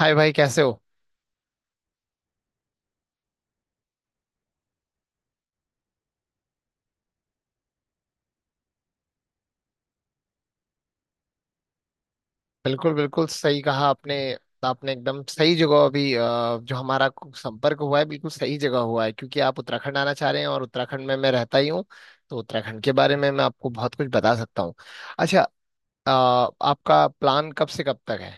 हाय भाई, कैसे हो। बिल्कुल बिल्कुल सही कहा आपने। आपने एकदम सही जगह अभी जो हमारा संपर्क हुआ है, बिल्कुल सही जगह हुआ है, क्योंकि आप उत्तराखंड आना चाह रहे हैं और उत्तराखंड में मैं रहता ही हूँ। तो उत्तराखंड के बारे में मैं आपको बहुत कुछ बता सकता हूँ। अच्छा। अ, आपका प्लान कब से कब तक है।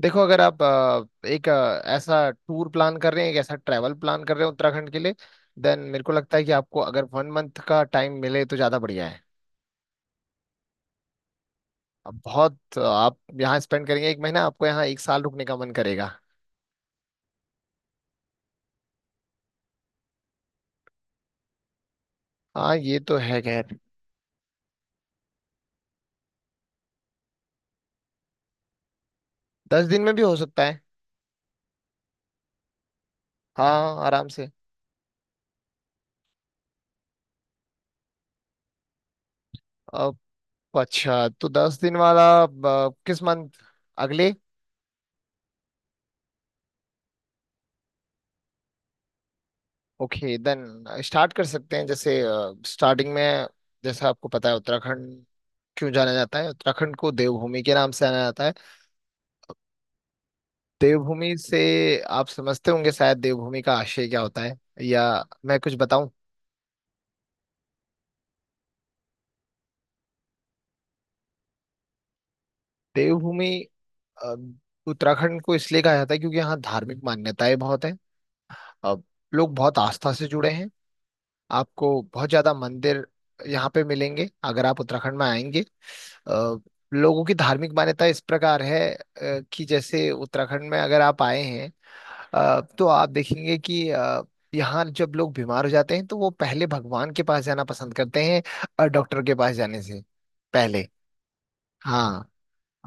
देखो, अगर आप एक ऐसा टूर प्लान कर रहे हैं, एक ऐसा ट्रैवल प्लान कर रहे हैं उत्तराखंड के लिए, देन मेरे को लगता है कि आपको अगर वन मंथ का टाइम मिले तो ज़्यादा बढ़िया है। अब बहुत आप यहाँ स्पेंड करेंगे, एक महीना आपको यहाँ, एक साल रुकने का मन करेगा। हाँ, ये तो है, खैर। दस दिन में भी हो सकता है। हाँ, आराम से। अब, अच्छा तो 10 दिन वाला किस मंथ, अगले। ओके देन, स्टार्ट कर सकते हैं। जैसे स्टार्टिंग में, जैसा आपको पता है, उत्तराखंड क्यों जाना जाता है, उत्तराखंड को देवभूमि के नाम से जाना जाता है। देवभूमि से आप समझते होंगे शायद देवभूमि का आशय क्या होता है, या मैं कुछ बताऊं। देवभूमि अ, उत्तराखंड को इसलिए कहा जाता है क्योंकि यहाँ धार्मिक मान्यताएं बहुत हैं। अब, लोग बहुत आस्था से जुड़े हैं। आपको बहुत ज्यादा मंदिर यहाँ पे मिलेंगे अगर आप उत्तराखंड में आएंगे। अ, लोगों की धार्मिक मान्यता इस प्रकार है कि जैसे उत्तराखंड में अगर आप आए हैं, तो आप देखेंगे कि यहाँ जब लोग बीमार हो जाते हैं तो वो पहले भगवान के पास जाना पसंद करते हैं, डॉक्टर के पास जाने से पहले। हाँ।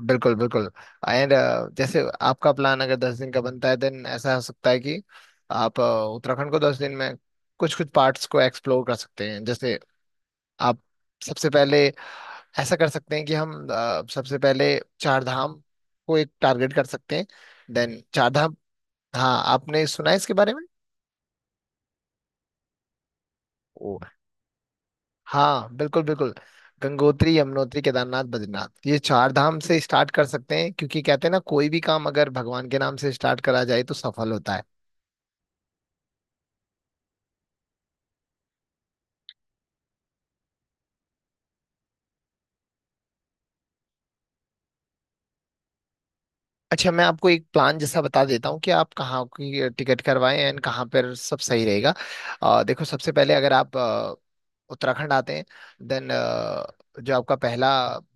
बिल्कुल बिल्कुल। एंड जैसे आपका प्लान अगर 10 दिन का बनता है, देन ऐसा हो सकता है कि आप उत्तराखंड को 10 दिन में कुछ कुछ पार्ट्स को एक्सप्लोर कर सकते हैं। जैसे आप सबसे पहले ऐसा कर सकते हैं कि हम सबसे पहले चार धाम को एक टारगेट कर सकते हैं। देन चार धाम, हाँ आपने सुना है इसके बारे में। ओ, हाँ बिल्कुल बिल्कुल। गंगोत्री, यमुनोत्री, केदारनाथ, बद्रीनाथ, ये चार धाम से स्टार्ट कर सकते हैं, क्योंकि कहते हैं ना, कोई भी काम अगर भगवान के नाम से स्टार्ट करा जाए तो सफल होता है। अच्छा, मैं आपको एक प्लान जैसा बता देता हूँ कि आप कहाँ की टिकट करवाएं एंड कहाँ पर सब सही रहेगा। देखो, सबसे पहले अगर आप उत्तराखंड आते हैं, देन जो आपका पहला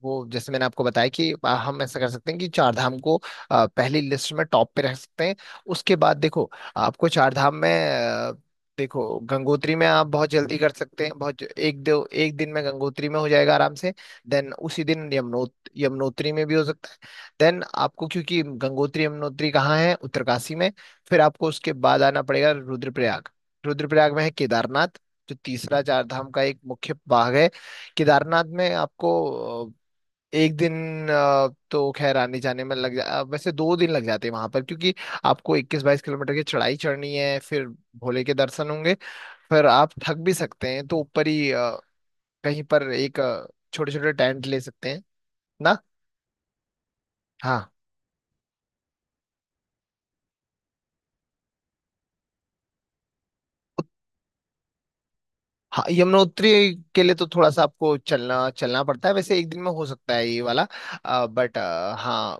वो, जैसे मैंने आपको बताया कि हम ऐसा कर सकते हैं कि चार धाम को पहली लिस्ट में टॉप पे रख सकते हैं। उसके बाद देखो, आपको चार धाम में अ, देखो, गंगोत्री में आप बहुत जल्दी कर सकते हैं, बहुत, एक दो एक दिन में गंगोत्री में हो जाएगा आराम से। देन उसी दिन यमुनोत्री में भी हो सकता है। देन आपको, क्योंकि गंगोत्री यमुनोत्री कहाँ है, उत्तरकाशी में। फिर आपको उसके बाद आना पड़ेगा रुद्रप्रयाग। रुद्रप्रयाग में है केदारनाथ, जो तीसरा चार धाम का एक मुख्य भाग है। केदारनाथ में आपको एक दिन तो खैर आने जाने में लग जा वैसे दो दिन लग जाते हैं वहां पर, क्योंकि आपको 21-22 किलोमीटर की चढ़ाई चढ़नी है, फिर भोले के दर्शन होंगे। फिर आप थक भी सकते हैं तो ऊपर ही कहीं पर एक छोटे छोटे टेंट ले सकते हैं ना। हाँ हाँ। यमुनोत्री के लिए तो थोड़ा सा आपको चलना चलना पड़ता है, वैसे एक दिन में हो सकता है ये वाला। बट हाँ,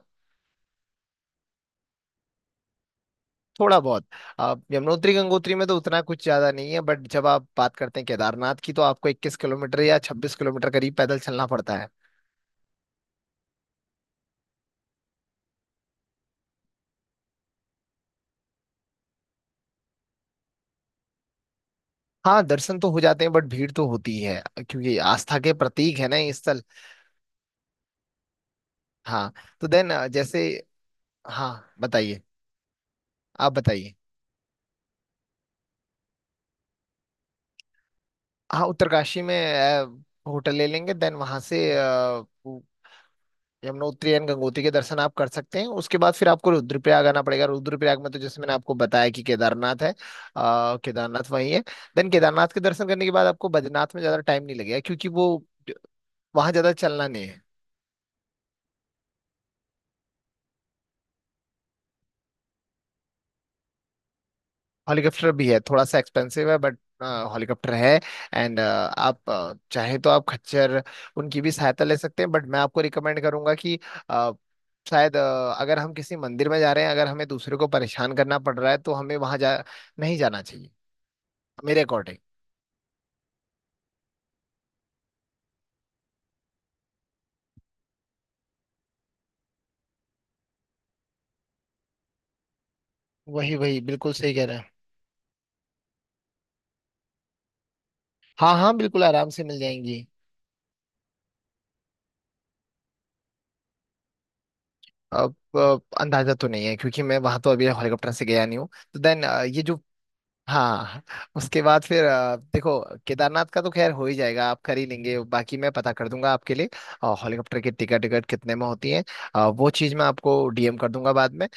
थोड़ा बहुत। यमुनोत्री गंगोत्री में तो उतना कुछ ज्यादा नहीं है, बट जब आप बात करते हैं केदारनाथ की, तो आपको 21 किलोमीटर या 26 किलोमीटर करीब पैदल चलना पड़ता है। हाँ, दर्शन तो हो जाते हैं, बट भीड़ तो होती है, क्योंकि आस्था के प्रतीक है ना ये स्थल। हाँ। तो देन जैसे, हाँ बताइए, आप बताइए। हाँ, उत्तरकाशी में अ, होटल ले लेंगे, देन वहां से यमुनोत्री एंड गंगोत्री के दर्शन आप कर सकते हैं। उसके बाद फिर आपको रुद्रप्रयाग आना पड़ेगा। रुद्रप्रयाग में तो, जैसे मैंने आपको बताया कि केदारनाथ है, आ, केदारनाथ वहीं है। देन केदारनाथ के दर्शन करने के बाद आपको बद्रीनाथ में ज्यादा टाइम नहीं लगेगा, क्योंकि वो वहां ज्यादा चलना नहीं है। हेलीकॉप्टर भी है, थोड़ा सा एक्सपेंसिव है, बट हेलीकॉप्टर है। एंड आप चाहे तो आप खच्चर, उनकी भी सहायता ले सकते हैं। बट मैं आपको रिकमेंड करूंगा कि अ, शायद अगर हम किसी मंदिर में जा रहे हैं, अगर हमें दूसरे को परेशान करना पड़ रहा है, तो हमें वहां जा नहीं जाना चाहिए, मेरे अकॉर्डिंग। वही वही, बिल्कुल सही कह रहे हैं। हाँ हाँ, बिल्कुल, आराम से मिल जाएंगी। अब अंदाजा तो नहीं है, क्योंकि मैं वहां तो अभी हेलीकॉप्टर से गया नहीं हूँ। तो देन ये जो, हाँ, उसके बाद फिर देखो, केदारनाथ का तो खैर हो ही जाएगा, आप कर ही लेंगे, बाकी मैं पता कर दूंगा आपके लिए, और हेलीकॉप्टर की टिकट टिकट कितने में होती है वो चीज़ मैं आपको डीएम कर दूंगा बाद में।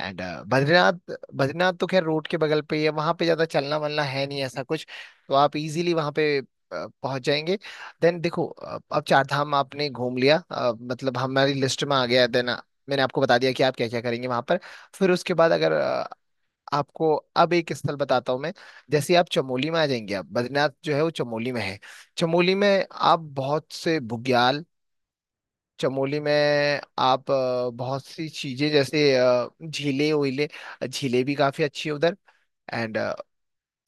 एंड बद्रीनाथ, बद्रीनाथ तो खैर रोड के बगल पे ही है, वहाँ पे ज़्यादा चलना वलना है नहीं ऐसा कुछ। तो आप इजीली वहाँ पे पहुंच जाएंगे। देन देखो, अब चार धाम आपने घूम लिया, मतलब हमारी लिस्ट में आ गया। देन मैंने आपको बता दिया कि आप क्या क्या करेंगे वहां पर। फिर उसके बाद अगर आपको, अब एक स्थल बताता हूँ मैं। जैसे आप चमोली में आ जाएंगे, आप बद्रीनाथ जो है वो चमोली में है। चमोली में आप बहुत से बुग्याल, चमोली में आप बहुत सी चीजें, जैसे झीलें वीलें, झीलें भी काफी अच्छी है उधर। एंड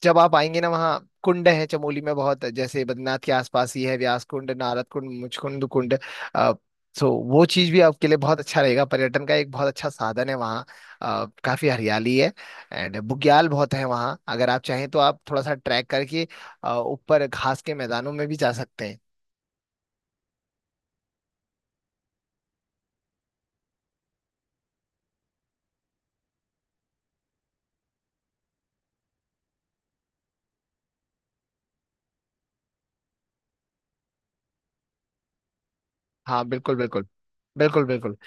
जब आप आएंगे ना, वहाँ कुंड है चमोली में बहुत, जैसे बद्रीनाथ के आसपास ही है व्यास कुंड, नारद कुंड, मुचकुंद कुंड। अ, सो वो चीज भी आपके लिए बहुत अच्छा रहेगा, पर्यटन का एक बहुत अच्छा साधन है वहाँ। काफी हरियाली है। एंड बुग्याल बहुत है वहाँ, अगर आप चाहें तो आप थोड़ा सा ट्रैक करके ऊपर घास के मैदानों में भी जा सकते हैं। हाँ बिल्कुल बिल्कुल। बिल्कुल बिल्कुल।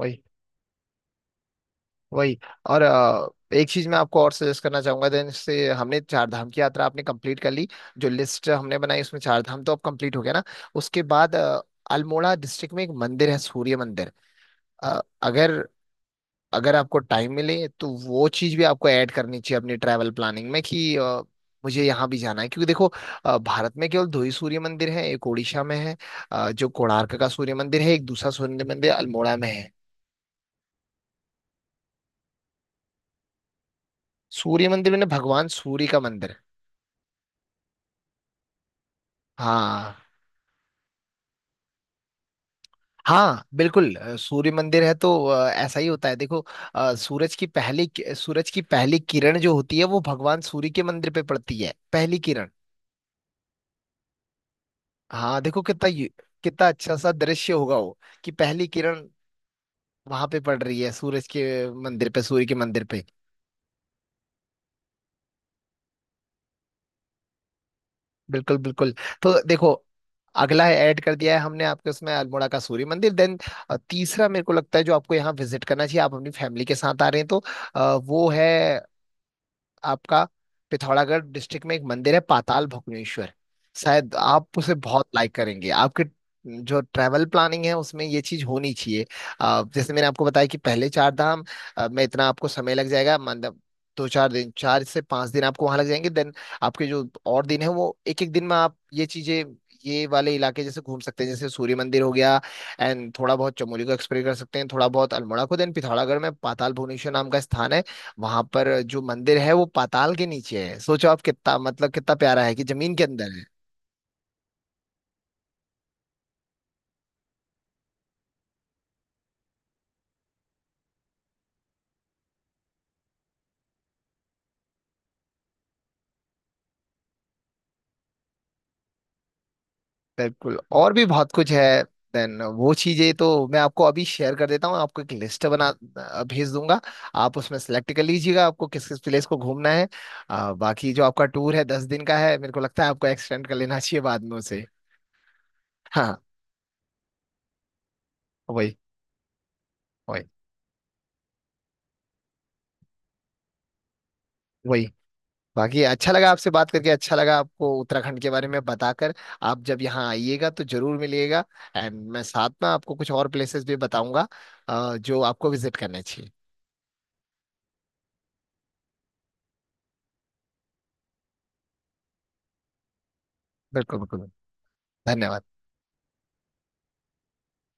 वही वही। और एक चीज मैं आपको और सजेस्ट करना चाहूंगा, देन से हमने चार धाम की यात्रा आपने कंप्लीट कर ली, जो लिस्ट हमने बनाई उसमें चार धाम तो अब कंप्लीट हो गया ना। उसके बाद अल्मोड़ा डिस्ट्रिक्ट में एक मंदिर है सूर्य मंदिर। अगर अगर आपको टाइम मिले तो वो चीज भी आपको ऐड करनी चाहिए अपनी ट्रैवल प्लानिंग में कि मुझे यहाँ भी जाना है, क्योंकि देखो, भारत में केवल दो ही सूर्य मंदिर है, एक उड़ीसा में है, जो कोणार्क का सूर्य मंदिर है, एक दूसरा सूर्य मंदिर अल्मोड़ा में है। सूर्य मंदिर मैंने, भगवान सूर्य का मंदिर है। हाँ हाँ, बिल्कुल। सूर्य मंदिर है तो ऐसा ही होता है। देखो, सूरज की पहली सूरज की पहली किरण जो होती है वो भगवान सूर्य के मंदिर पे पड़ती है, पहली किरण। हाँ, देखो कितना कितना अच्छा सा दृश्य होगा वो, कि पहली किरण वहां पे पड़ रही है सूरज के मंदिर पे, सूर्य के मंदिर पे। बिल्कुल बिल्कुल। तो देखो, अगला है, ऐड कर दिया है हमने आपके उसमें अल्मोड़ा का सूर्य मंदिर। देन तीसरा, मेरे को लगता है जो आपको यहाँ विजिट करना चाहिए, आप अपनी फैमिली के साथ आ रहे हैं तो वो है आपका पिथौरागढ़ डिस्ट्रिक्ट में एक मंदिर है, पाताल भुवनेश्वर। शायद आप उसे बहुत लाइक करेंगे। आपके जो ट्रैवल प्लानिंग है उसमें ये चीज होनी चाहिए। जैसे मैंने आपको बताया कि पहले चार धाम में इतना आपको समय लग जाएगा, मतलब दो चार दिन, चार से पांच दिन आपको वहां लग जाएंगे। देन आपके जो और दिन है वो एक एक दिन में आप ये चीजें, ये वाले इलाके जैसे घूम सकते हैं। जैसे सूर्य मंदिर हो गया, एंड थोड़ा बहुत चमोली को एक्सप्लोर कर सकते हैं, थोड़ा बहुत अल्मोड़ा को। देन पिथौरागढ़ में पाताल भुवनेश्वर नाम का स्थान है, वहां पर जो मंदिर है वो पाताल के नीचे है। सोचो आप कितना, मतलब कितना प्यारा है कि जमीन के अंदर है। बिल्कुल, और भी बहुत कुछ है। देन वो चीजें तो मैं आपको अभी शेयर कर देता हूँ, आपको एक लिस्ट बना भेज दूंगा। आप उसमें सेलेक्ट कर लीजिएगा आपको किस किस प्लेस को घूमना है। बाकी जो आपका टूर है 10 दिन का है, मेरे को लगता है आपको एक्सटेंड कर लेना चाहिए बाद में उसे। हाँ, वही वही वही। बाकी अच्छा लगा आपसे बात करके, अच्छा लगा आपको उत्तराखंड के बारे में बताकर। आप जब यहाँ आइएगा तो जरूर मिलिएगा। एंड मैं साथ में आपको कुछ और प्लेसेस भी बताऊंगा जो आपको विजिट करने चाहिए। बिल्कुल बिल्कुल। धन्यवाद।